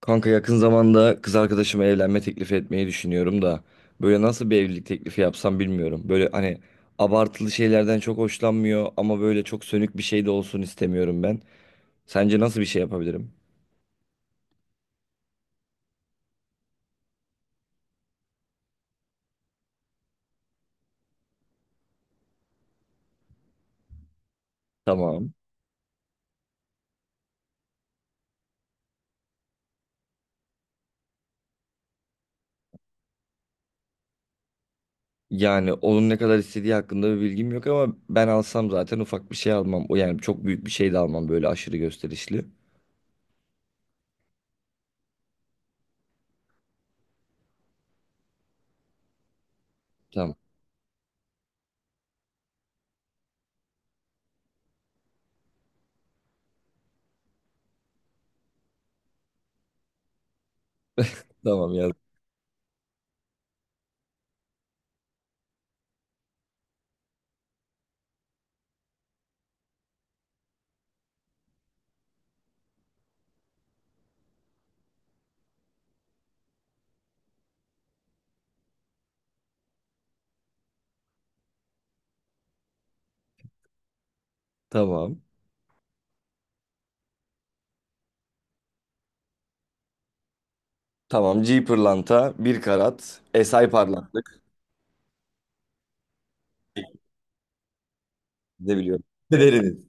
Kanka yakın zamanda kız arkadaşıma evlenme teklifi etmeyi düşünüyorum da böyle nasıl bir evlilik teklifi yapsam bilmiyorum. Böyle hani abartılı şeylerden çok hoşlanmıyor ama böyle çok sönük bir şey de olsun istemiyorum ben. Sence nasıl bir şey yapabilirim? Tamam. Yani onun ne kadar istediği hakkında bir bilgim yok ama ben alsam zaten ufak bir şey almam. O yani çok büyük bir şey de almam, böyle aşırı gösterişli. Tamam. Tamam ya. Tamam. Tamam. G pırlanta 1 karat. SI parlaklık. Ne biliyorum. Deriniz.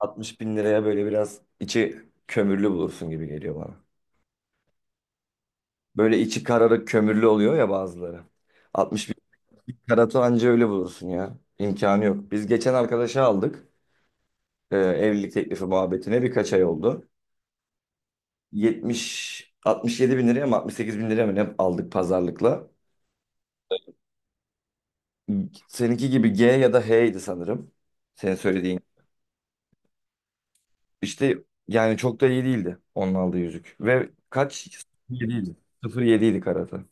60 bin liraya böyle biraz içi kömürlü bulursun gibi geliyor bana. Böyle içi kararık kömürlü oluyor ya bazıları. 60 bin karatı anca öyle bulursun ya. İmkanı yok. Biz geçen arkadaşa aldık. Evlilik teklifi muhabbetine birkaç ay oldu. 70, 67 bin liraya mı 68 bin liraya mı ne aldık pazarlıkla. Seninki gibi G ya da H'ydi sanırım. Senin söylediğin. İşte, yani çok da iyi değildi onun aldığı yüzük. Ve kaç? 07'ydi karatı.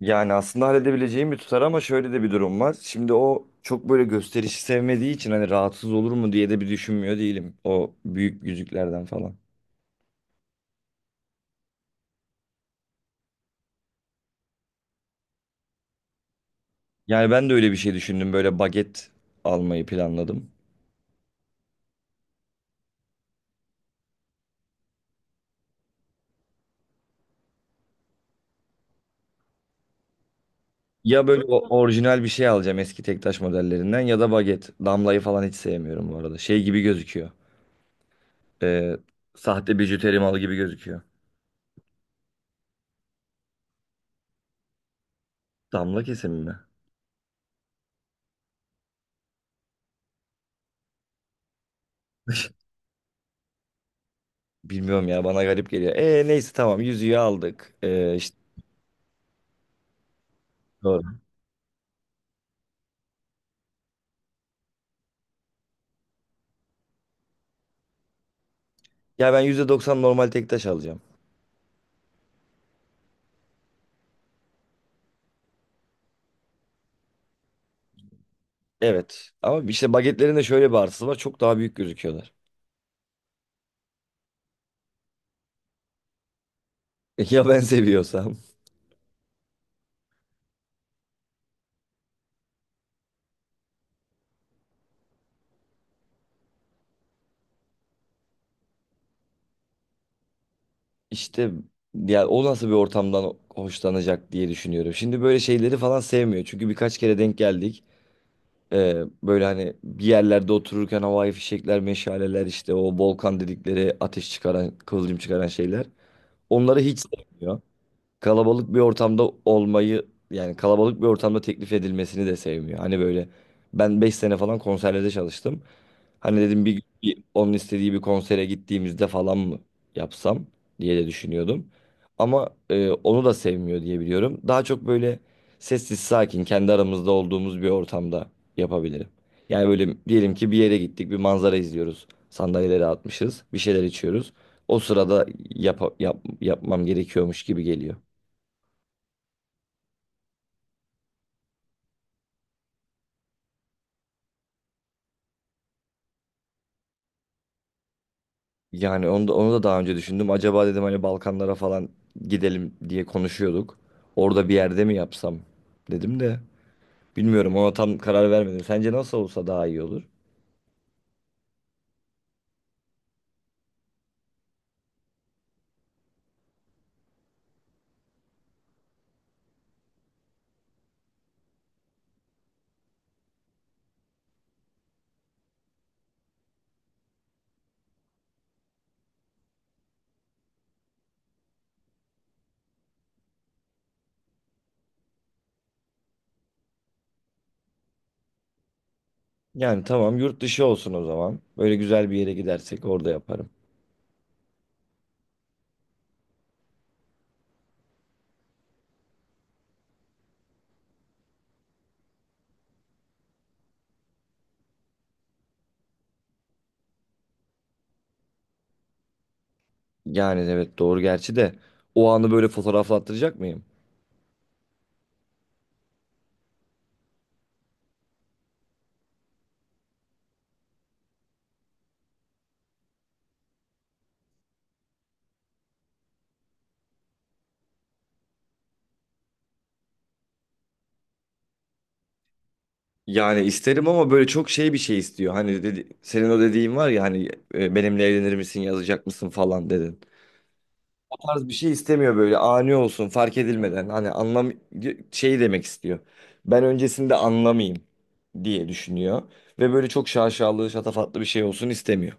Yani aslında halledebileceğim bir tutar ama şöyle de bir durum var. Şimdi o çok böyle gösterişi sevmediği için hani rahatsız olur mu diye de bir düşünmüyor değilim. O büyük yüzüklerden falan. Yani ben de öyle bir şey düşündüm. Böyle baget almayı planladım. Ya böyle orijinal bir şey alacağım, eski tektaş modellerinden ya da baget. Damlayı falan hiç sevmiyorum bu arada. Şey gibi gözüküyor. Ee, sahte bijuteri malı gibi gözüküyor. Damla kesimi mi? Bilmiyorum ya, bana garip geliyor. Neyse, tamam, yüzüğü aldık. İşte Ya ben %90 normal tek taş alacağım. Evet. Ama işte bagetlerin de şöyle bir artısı var. Çok daha büyük gözüküyorlar. Ya ben seviyorsam? İşte, ya o nasıl bir ortamdan hoşlanacak diye düşünüyorum. Şimdi böyle şeyleri falan sevmiyor. Çünkü birkaç kere denk geldik. Ee, böyle hani bir yerlerde otururken havai fişekler, meşaleler, işte o volkan dedikleri ateş çıkaran, kıvılcım çıkaran şeyler. Onları hiç sevmiyor. Kalabalık bir ortamda olmayı, yani kalabalık bir ortamda teklif edilmesini de sevmiyor. Hani böyle ben 5 sene falan konserlerde çalıştım. Hani dedim bir gün bir onun istediği bir konsere gittiğimizde falan mı yapsam diye de düşünüyordum. Ama onu da sevmiyor diye biliyorum. Daha çok böyle sessiz sakin kendi aramızda olduğumuz bir ortamda yapabilirim. Yani böyle diyelim ki bir yere gittik, bir manzara izliyoruz. Sandalyeleri atmışız, bir şeyler içiyoruz. O sırada yapmam gerekiyormuş gibi geliyor. Yani onu da daha önce düşündüm. Acaba dedim hani Balkanlara falan gidelim diye konuşuyorduk. Orada bir yerde mi yapsam dedim de bilmiyorum, ona tam karar vermedim. Sence nasıl olsa daha iyi olur? Yani tamam, yurt dışı olsun o zaman. Böyle güzel bir yere gidersek orada yaparım. Yani evet, doğru, gerçi de o anı böyle fotoğraflattıracak mıyım? Yani isterim ama böyle çok şey, bir şey istiyor. Hani dedi, senin o dediğin var ya hani, benimle evlenir misin yazacak mısın falan dedin. Tarz bir şey istemiyor, böyle ani olsun, fark edilmeden. Hani anlam, şey demek istiyor. Ben öncesinde anlamayayım diye düşünüyor. Ve böyle çok şaşalı, şatafatlı bir şey olsun istemiyor.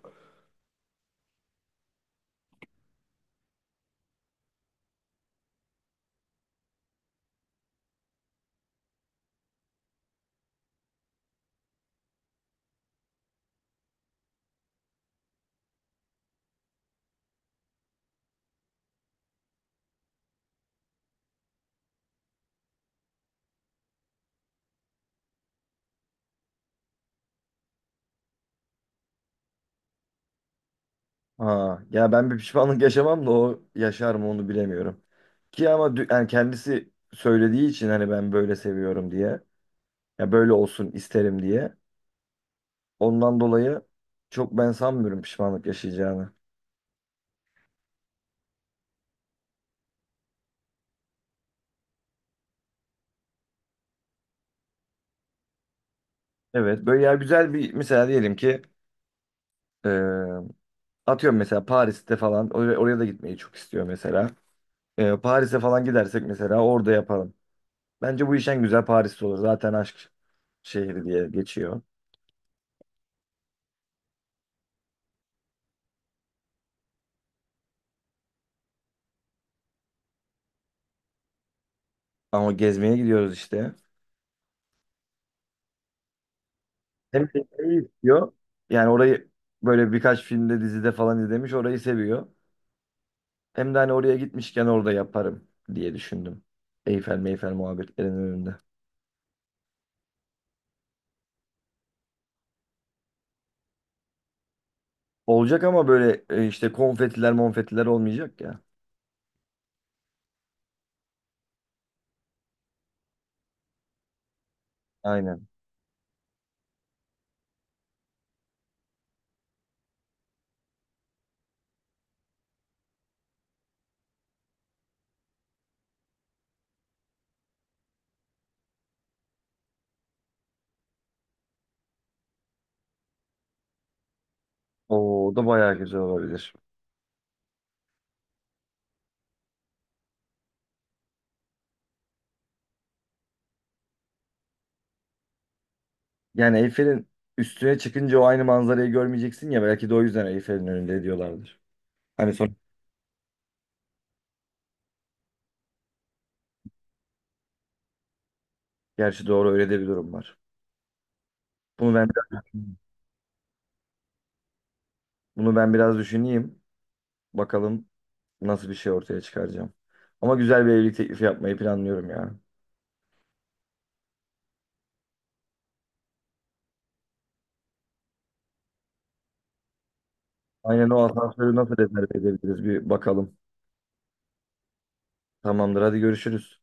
Ha, ya ben bir pişmanlık yaşamam da o yaşar mı onu bilemiyorum. Ki ama yani kendisi söylediği için, hani ben böyle seviyorum diye. Ya böyle olsun isterim diye. Ondan dolayı çok ben sanmıyorum pişmanlık yaşayacağını. Evet böyle ya, güzel bir, mesela diyelim ki atıyorum mesela Paris'te falan, oraya da gitmeyi çok istiyor mesela. Paris'e falan gidersek mesela orada yapalım. Bence bu iş en güzel Paris'te olur. Zaten aşk şehri diye geçiyor. Ama gezmeye gidiyoruz işte. Hem gezmeyi istiyor. Yani orayı böyle birkaç filmde, dizide falan izlemiş, orayı seviyor. Hem de hani oraya gitmişken orada yaparım diye düşündüm. Eyfel meyfel muhabbetlerinin önünde. Olacak ama böyle, işte, konfetiler monfetiler olmayacak ya. Aynen. O da bayağı güzel olabilir. Yani Eyfel'in üstüne çıkınca o aynı manzarayı görmeyeceksin ya, belki de o yüzden Eyfel'in önünde diyorlardır. Hani son. Gerçi doğru, öyle de bir durum var. Bunu ben bunu ben biraz düşüneyim. Bakalım nasıl bir şey ortaya çıkaracağım. Ama güzel bir evlilik teklifi yapmayı planlıyorum ya. Aynen, o asansörü nasıl rezerve edebiliriz bir bakalım. Tamamdır, hadi görüşürüz.